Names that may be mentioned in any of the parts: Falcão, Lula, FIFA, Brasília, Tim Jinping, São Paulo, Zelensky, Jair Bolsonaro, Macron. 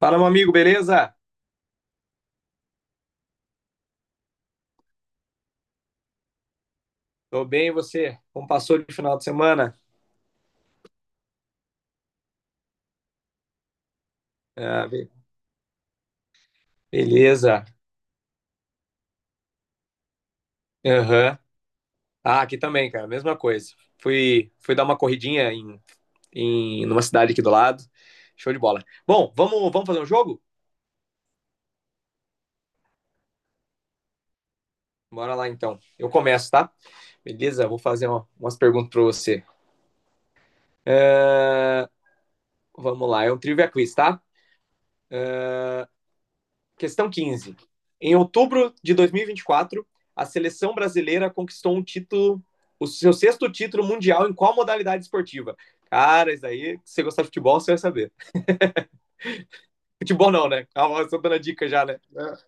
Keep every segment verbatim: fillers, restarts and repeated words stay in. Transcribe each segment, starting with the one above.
Fala, meu amigo, beleza? Tô bem, e você? Como passou de final de semana? Ah, be- Beleza. Aham. Ah, aqui também, cara, mesma coisa. Fui, fui dar uma corridinha em, em numa cidade aqui do lado. Show de bola. Bom, vamos, vamos fazer um jogo? Bora lá então. Eu começo, tá? Beleza? Vou fazer uma- umas perguntas pra você. Ah, Vamos lá, é um trivia quiz, tá? Questão quinze. Em outubro de dois mil e vinte e quatro, a seleção brasileira conquistou um título, o seu sexto título mundial em qual modalidade esportiva? Cara, isso aí, se você gostar de futebol, você vai saber. Futebol não, né? Calma, eu tô dando a dica já, né?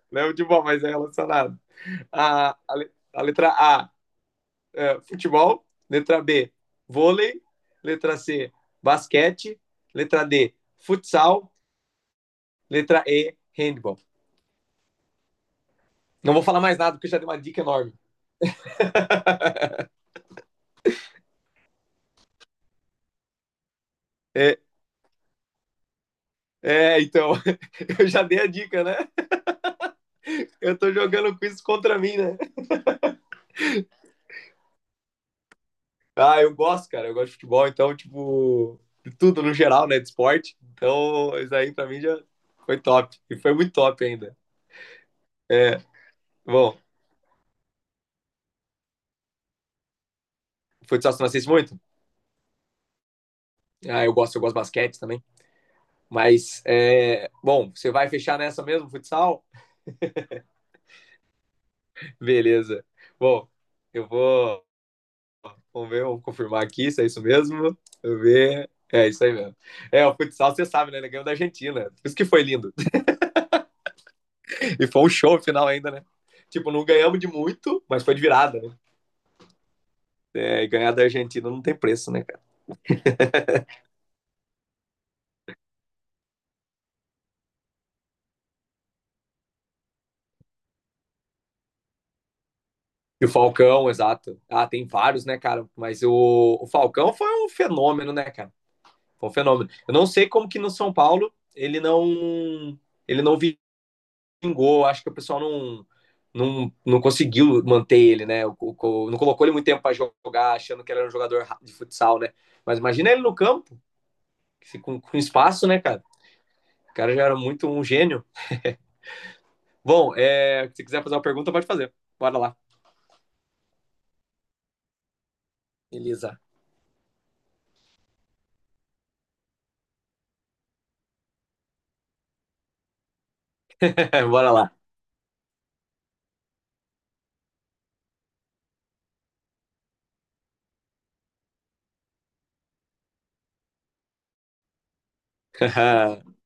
Não é futebol, mas é relacionado. A, a, a letra A, é, futebol. Letra B, vôlei. Letra C, basquete. Letra D, futsal. Letra E, handball. Não vou falar mais nada, porque já dei uma dica enorme. É, é então. Eu já dei a dica, né? Eu tô jogando quiz contra mim, né? Ah, eu gosto, cara. Eu gosto de futebol, então, tipo, de tudo no geral, né? De esporte. Então, isso aí pra mim já foi top. E foi muito top ainda. É, Bom, futsal você não assiste muito? Ah, eu gosto, eu gosto de basquete também. Mas, é, bom, você vai fechar nessa mesmo, futsal? Beleza. Bom, eu vou. Vamos ver, vamos confirmar aqui se é isso mesmo. Deixa ver. É isso aí mesmo. É, o futsal, você sabe, né? Ele ganhou da Argentina. Por isso que foi lindo. E foi um show final ainda, né? Tipo, não ganhamos de muito, mas foi de virada, né? É, e ganhar da Argentina não tem preço, né, cara? E o Falcão, exato. Ah, tem vários, né, cara? Mas o, o Falcão foi um fenômeno, né, cara? Foi um fenômeno. Eu não sei como que no São Paulo ele não ele não vingou. Acho que o pessoal não não, não conseguiu manter ele, né? O, o, não colocou ele muito tempo para jogar, achando que ele era um jogador de futsal, né? Mas imagina ele no campo, com, com espaço, né, cara? O cara já era muito um gênio. Bom, é, se quiser fazer uma pergunta, pode fazer. Bora lá. Elisa. Bora lá.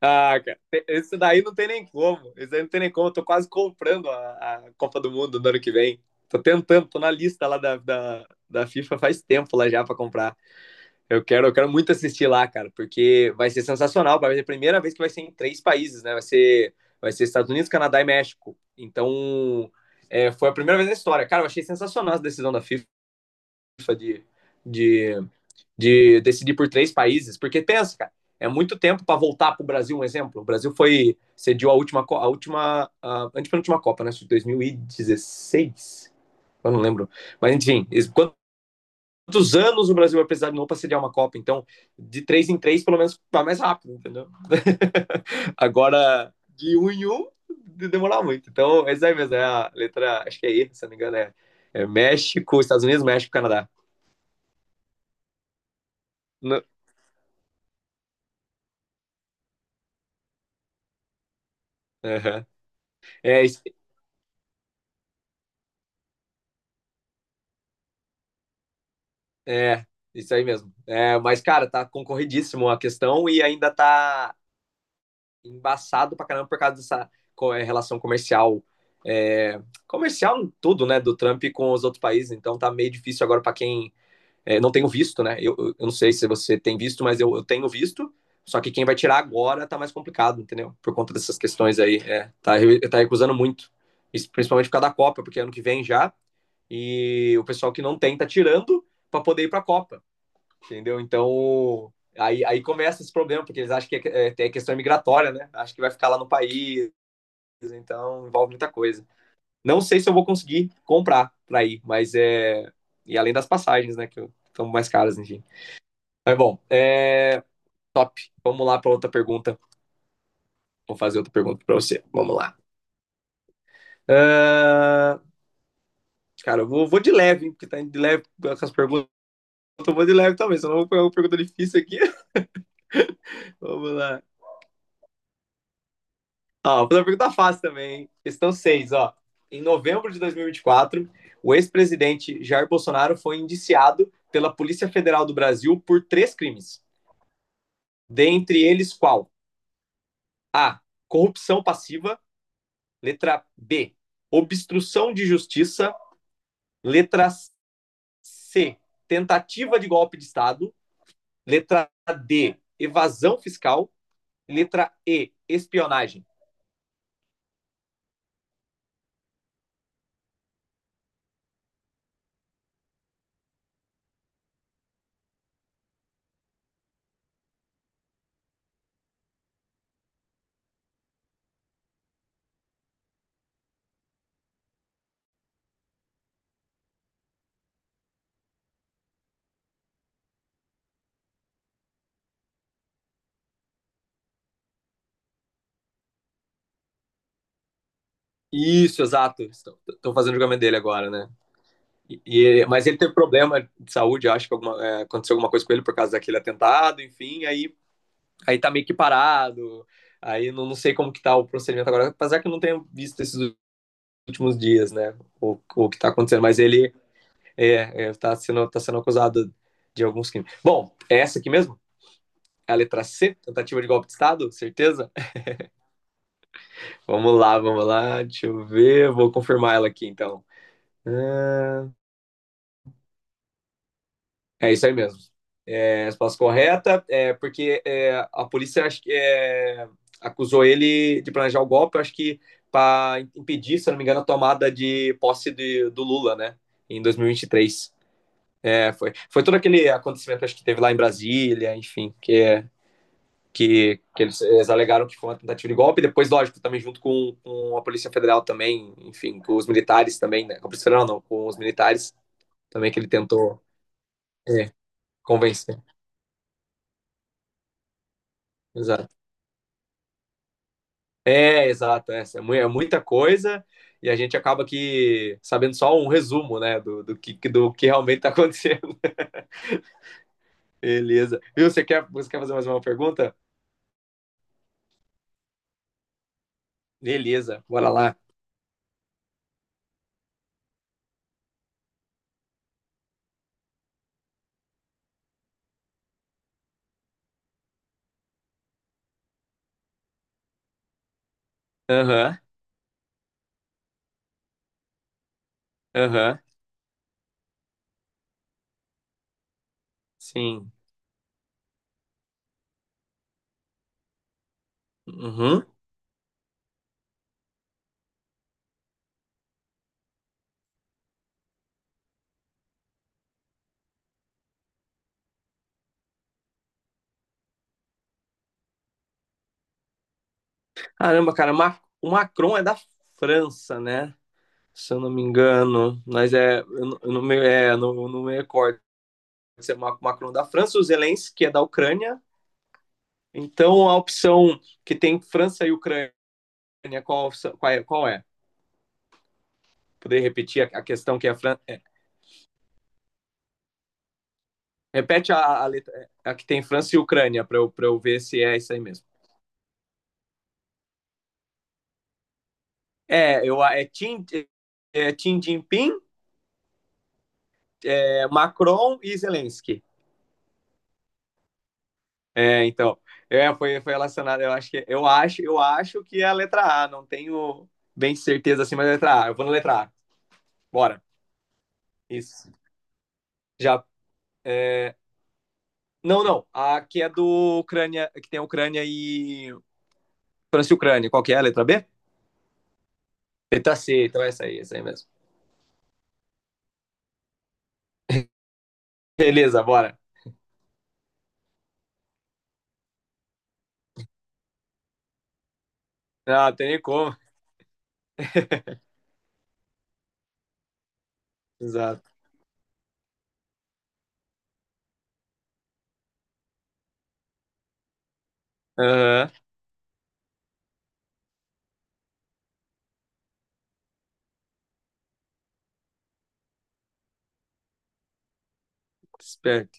ah, cara, esse daí não tem nem como. Esse daí não tem nem como. Eu tô quase comprando a, a Copa do Mundo do ano que vem. Tô tentando, tô na lista lá da, da, da FIFA faz tempo lá já pra comprar. Eu quero, eu quero muito assistir lá, cara, porque vai ser sensacional. Vai ser a primeira vez que vai ser em três países, né? Vai ser, vai ser Estados Unidos, Canadá e México. Então, é, foi a primeira vez na história. Cara, eu achei sensacional essa decisão da FIFA de, de de decidir por três países, porque pensa, cara, é muito tempo para voltar para o Brasil, um exemplo. O Brasil foi cediu a última a última a antepenúltima Copa, né, de dois mil e dezesseis. Eu não lembro. Mas enfim, quantos anos o Brasil vai precisar de novo para sediar uma Copa? Então, de três em três, pelo menos vai mais rápido, entendeu? Agora de um em um demorar muito. Então, é aí mesmo, é a letra, acho que é E, se não me engano, é, é México, Estados Unidos, México, Canadá. No, uhum. É isso. É, isso aí mesmo. É, mas, cara, tá concorridíssimo a questão e ainda tá embaçado pra caramba por causa dessa co- é, relação comercial. É, comercial em tudo, né, do Trump com os outros países, então tá meio difícil agora pra quem é, não tem o visto, né? Eu, eu eu não sei se você tem visto, mas eu, eu tenho visto, só que quem vai tirar agora tá mais complicado, entendeu? Por conta dessas questões aí. É, tá, re- tá recusando muito. Isso principalmente por causa da Copa, porque é ano que vem já, e o pessoal que não tem tá tirando pra poder ir pra Copa. Entendeu? Então, aí, aí começa esse problema, porque eles acham que é, é questão migratória, né? Acham que vai ficar lá no país, então envolve muita coisa. Não sei se eu vou conseguir comprar para ir, mas é. E além das passagens, né? Que estão mais caras, enfim. Mas bom, é. Top. Vamos lá para outra pergunta. Vou fazer outra pergunta para você. Vamos lá. Ah, cara, eu vou, vou de leve, hein, porque tá de leve com as perguntas. Eu vou de leve também, senão eu vou pegar uma pergunta difícil aqui. Vamos lá. Ó, vou fazer uma pergunta fácil também, hein? Questão seis, ó. Em novembro de dois mil e vinte e quatro, o ex-presidente Jair Bolsonaro foi indiciado pela Polícia Federal do Brasil por três crimes. Dentre eles, qual? A. Corrupção passiva. Letra B. Obstrução de justiça. Letra C. Tentativa de golpe de Estado. Letra D. Evasão fiscal. Letra E. Espionagem. Isso, exato. Estão fazendo o julgamento dele agora, né? E, e- mas ele teve problema de saúde, acho que alguma- é, aconteceu alguma coisa com ele por causa daquele atentado, enfim, aí, aí, tá meio que parado, aí não, não sei como que tá o procedimento agora, apesar que eu não tenho visto esses últimos dias, né, o, o que tá acontecendo, mas ele é, é, tá sendo, tá sendo acusado de alguns crimes. Bom, é essa aqui mesmo? É a letra C, tentativa de golpe de Estado, certeza? Vamos lá, vamos lá, deixa eu ver, vou confirmar ela aqui, então. Ah, É isso aí mesmo, a resposta correta, é, porque é, a polícia acho que, é, acusou ele de planejar o golpe, acho que para impedir, se não me engano, a tomada de posse de, do Lula, né? Em dois mil e vinte e três. É, foi, foi todo aquele acontecimento acho que teve lá em Brasília, enfim, que, que, que eles, eles alegaram que foi uma tentativa de golpe, depois, lógico, também junto com, com a Polícia Federal também, enfim, com os militares também, né? Com a Polícia Federal não, com os militares também que ele tentou é, convencer. Exato. É, exato, é, é mu- é muita coisa e a gente acaba que sabendo só um resumo, né, do, do que, do que realmente está acontecendo. Beleza. Viu, você quer, você quer fazer mais uma pergunta? Beleza, bora lá. Aham, aham, sim. Uhum. Caramba, cara, Ma- o Macron é da França, né? Se eu não me engano, mas é, eu não, eu não me, é, eu não, eu não me recordo se é Ma- Macron da França, o Zelensky é da Ucrânia. Então, a opção que tem França e Ucrânia, qual, a opção- qual é? Qual é? Poder repetir a, a questão que é a Fran... É, repete a, a, a, que tem França e Ucrânia para eu, pra eu ver se é isso aí mesmo. É, eu, é, Tim, é Tim Jinping, é Macron e Zelensky. É, então, é, foi, foi relacionado, eu acho que eu acho, eu acho que é a letra A, não tenho bem certeza assim, mas é a letra A. Eu vou na letra A. Bora. Isso. Já é... não, não, a que é do Ucrânia, que tem a Ucrânia e França e Ucrânia. Qual que é a letra B? Letra C, então é essa aí, essa aí mesmo. Beleza, bora. Ah, tem nem como. Exato. Aham. Esperto.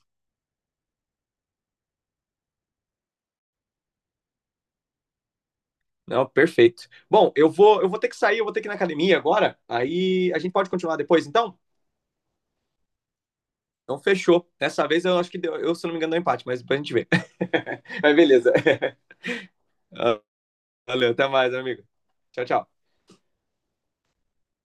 Não, perfeito. Bom, eu vou, eu vou ter que sair, eu vou ter que ir na academia agora. Aí a gente pode continuar depois, então? Então fechou. Dessa vez eu acho que deu, eu, se não me engano, deu empate, mas depois a gente vê. Mas beleza. Ah, Valeu, até mais, amigo. Tchau, tchau.